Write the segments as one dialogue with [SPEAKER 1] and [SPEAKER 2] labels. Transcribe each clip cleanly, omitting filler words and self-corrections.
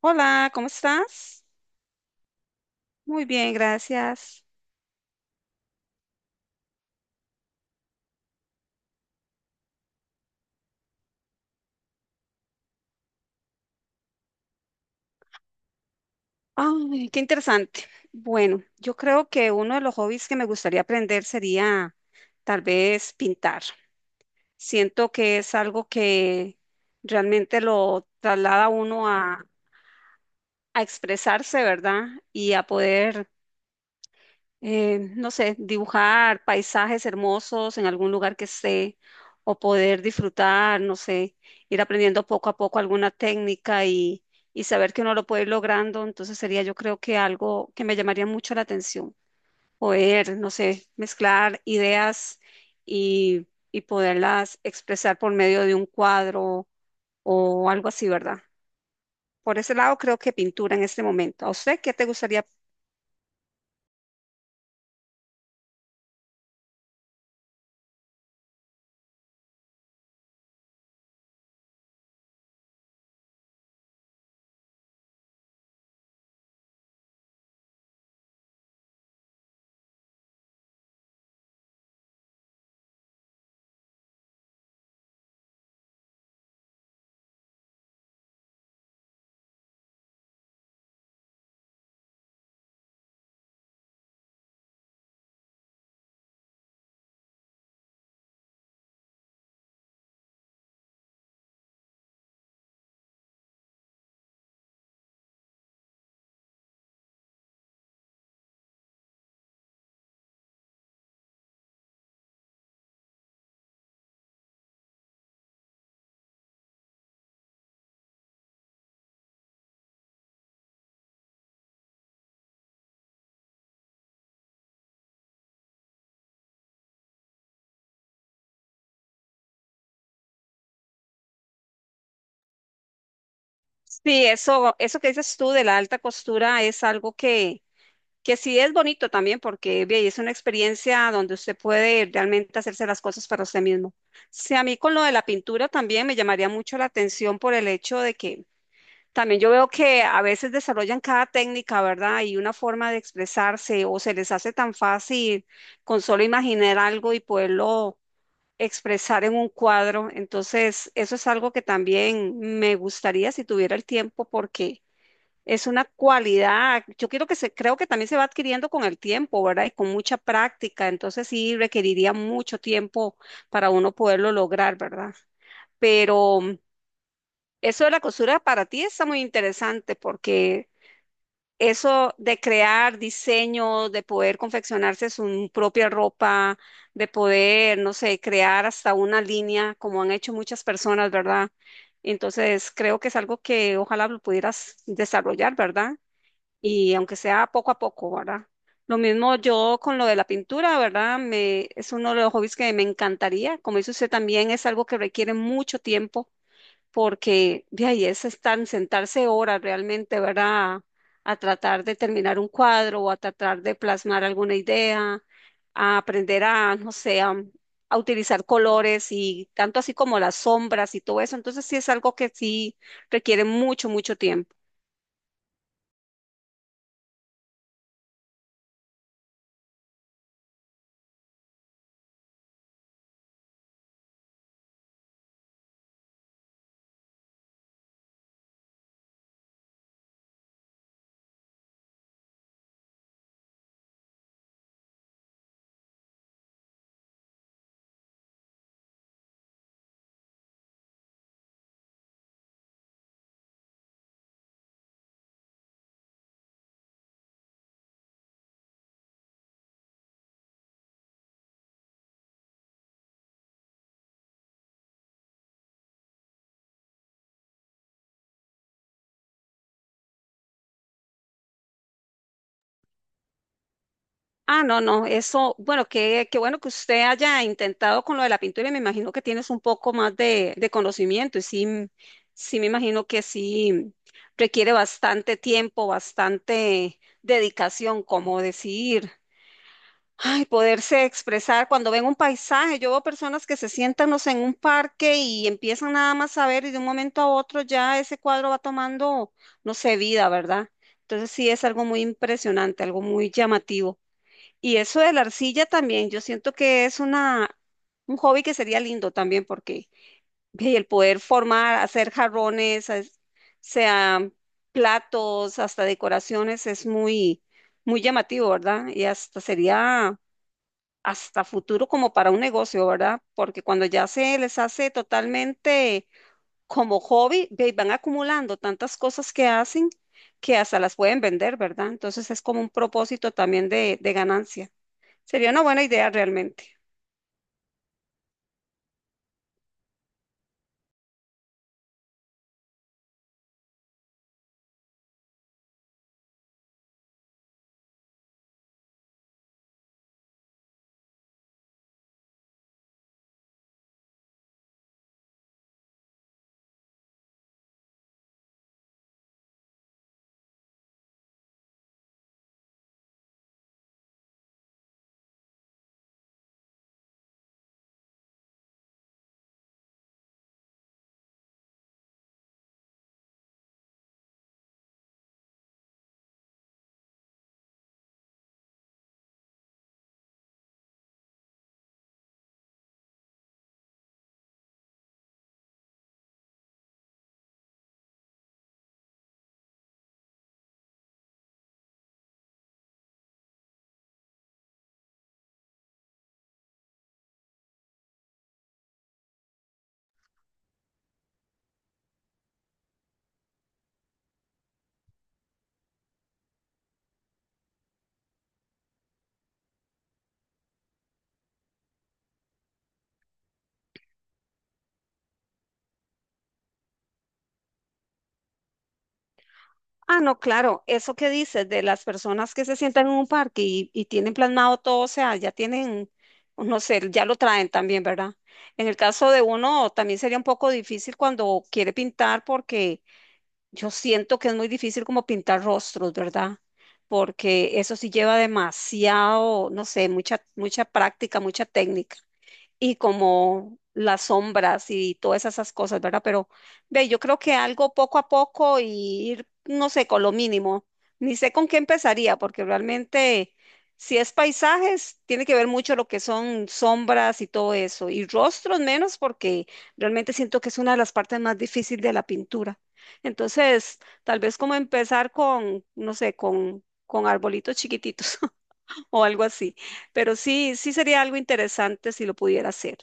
[SPEAKER 1] Hola, ¿cómo estás? Muy bien, gracias. Ay, qué interesante. Bueno, yo creo que uno de los hobbies que me gustaría aprender sería tal vez pintar. Siento que es algo que realmente lo traslada a uno a expresarse, ¿verdad? Y a poder no sé, dibujar paisajes hermosos en algún lugar que esté o poder disfrutar, no sé, ir aprendiendo poco a poco alguna técnica y saber que uno lo puede ir logrando, entonces sería yo creo que algo que me llamaría mucho la atención, poder, no sé, mezclar ideas y poderlas expresar por medio de un cuadro o algo así, ¿verdad? Por ese lado creo que pintura en este momento. ¿A usted qué te gustaría? Sí, eso que dices tú de la alta costura es algo que sí es bonito también porque ve, es una experiencia donde usted puede realmente hacerse las cosas para usted mismo. Sí, a mí con lo de la pintura también me llamaría mucho la atención por el hecho de que también yo veo que a veces desarrollan cada técnica, ¿verdad? Y una forma de expresarse o se les hace tan fácil con solo imaginar algo y poderlo expresar en un cuadro. Entonces, eso es algo que también me gustaría si tuviera el tiempo porque... Es una cualidad, yo quiero que se, creo que también se va adquiriendo con el tiempo, ¿verdad? Y con mucha práctica, entonces sí requeriría mucho tiempo para uno poderlo lograr, ¿verdad? Pero eso de la costura para ti está muy interesante porque eso de crear diseño, de poder confeccionarse su propia ropa, de poder, no sé, crear hasta una línea, como han hecho muchas personas, ¿verdad? Entonces creo que es algo que ojalá lo pudieras desarrollar, ¿verdad? Y aunque sea poco a poco, ¿verdad? Lo mismo yo con lo de la pintura, ¿verdad? Me, es uno de los hobbies que me encantaría. Como dice usted también, es algo que requiere mucho tiempo porque de ahí es estar, sentarse horas realmente, ¿verdad? A tratar de terminar un cuadro o a tratar de plasmar alguna idea, a aprender no sé, a utilizar colores y tanto así como las sombras y todo eso. Entonces sí es algo que sí requiere mucho, mucho tiempo. Ah, no, no, eso, bueno, qué, qué bueno que usted haya intentado con lo de la pintura y me imagino que tienes un poco más de conocimiento y sí, m- sí me imagino que sí requiere bastante tiempo, bastante dedicación, como decir, ay, poderse expresar cuando ven un paisaje. Yo veo personas que se sientan, no sé, en un parque y empiezan nada más a ver y de un momento a otro ya ese cuadro va tomando, no sé, vida, ¿verdad? Entonces sí es algo muy impresionante, algo muy llamativo. Y eso de la arcilla también, yo siento que es una, un hobby que sería lindo también porque ve, el poder formar, hacer jarrones, as- sea platos, hasta decoraciones, es muy, muy llamativo, ¿verdad? Y hasta sería hasta futuro como para un negocio, ¿verdad? Porque cuando ya se les hace totalmente como hobby, ve, van acumulando tantas cosas que hacen que hasta las pueden vender, ¿verdad? Entonces es como un propósito también de ganancia. Sería una buena idea realmente. Ah, no, claro, eso que dices de las personas que se sientan en un parque y tienen plasmado todo, o sea, ya tienen, no sé, ya lo traen también, ¿verdad? En el caso de uno, también sería un poco difícil cuando quiere pintar porque yo siento que es muy difícil como pintar rostros, ¿verdad? Porque eso sí lleva demasiado, no sé, mucha, mucha práctica, mucha técnica. Y como las sombras y todas esas cosas, ¿verdad? Pero ve, yo creo que algo poco a poco y ir, no sé, con lo mínimo. Ni sé con qué empezaría, porque realmente si es paisajes, tiene que ver mucho lo que son sombras y todo eso, y rostros menos, porque realmente siento que es una de las partes más difíciles de la pintura. Entonces, tal vez como empezar con, no sé, con arbolitos chiquititos. O algo así. Pero sí, sí sería algo interesante si lo pudiera hacer.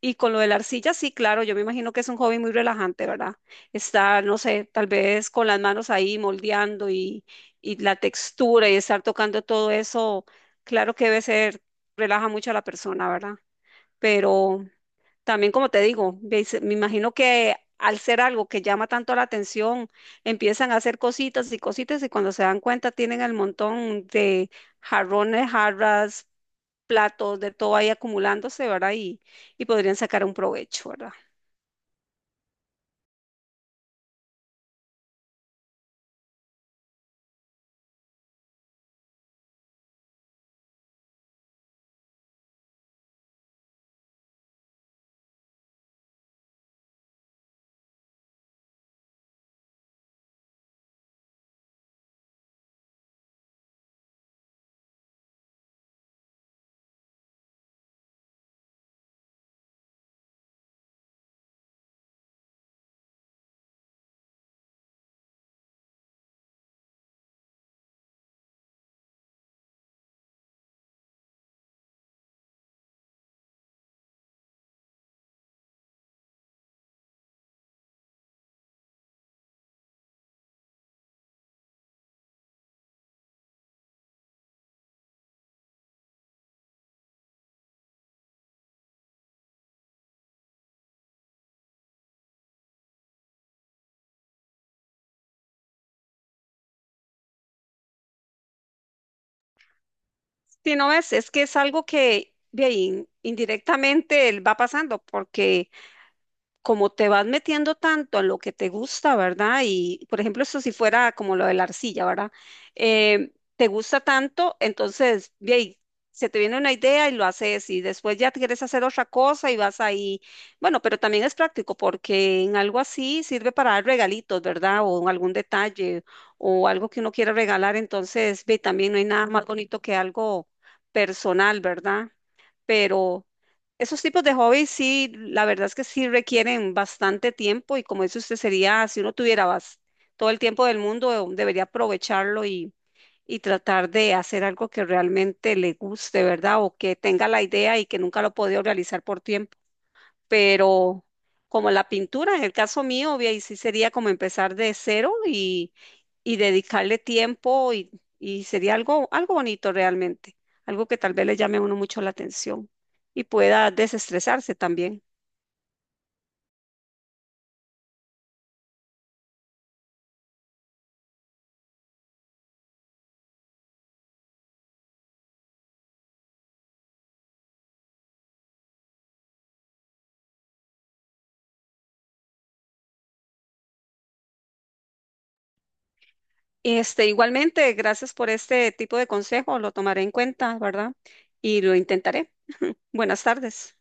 [SPEAKER 1] Y con lo de la arcilla, sí, claro, yo me imagino que es un hobby muy relajante, ¿verdad? Estar, no sé, tal vez con las manos ahí moldeando y la textura y estar tocando todo eso, claro que debe ser, relaja mucho a la persona, ¿verdad? Pero también como te digo, veis- me imagino que al ser algo que llama tanto la atención, empiezan a hacer cositas y cositas y cuando se dan cuenta tienen el montón de jarrones, jarras, platos, de todo ahí acumulándose, ¿verdad? Y podrían sacar un provecho, ¿verdad? Si no ves, es que es algo que bien, indirectamente él va pasando porque como te vas metiendo tanto en lo que te gusta, ¿verdad? Y, por ejemplo, esto si fuera como lo de la arcilla, ¿verdad? Eh, te gusta tanto, entonces, ve ahí, se te viene una idea y lo haces y después ya te quieres hacer otra cosa y vas ahí. Bueno, pero también es práctico porque en algo así sirve para dar regalitos, ¿verdad? O algún detalle o algo que uno quiera regalar, entonces, ve, también no hay nada más bonito que algo personal, ¿verdad? Pero esos tipos de hobbies sí, la verdad es que sí requieren bastante tiempo y como dice usted, sería, si uno tuviera bas- todo el tiempo del mundo, debería aprovecharlo y tratar de hacer algo que realmente le guste, ¿verdad? O que tenga la idea y que nunca lo ha podido realizar por tiempo, pero como la pintura, en el caso mío, ve ahí sí sería como empezar de cero y dedicarle tiempo y sería algo, algo bonito realmente, algo que tal vez le llame a uno mucho la atención y pueda desestresarse también. Este, igualmente, gracias por este tipo de consejo, lo tomaré en cuenta, ¿verdad? Y lo intentaré. Buenas tardes.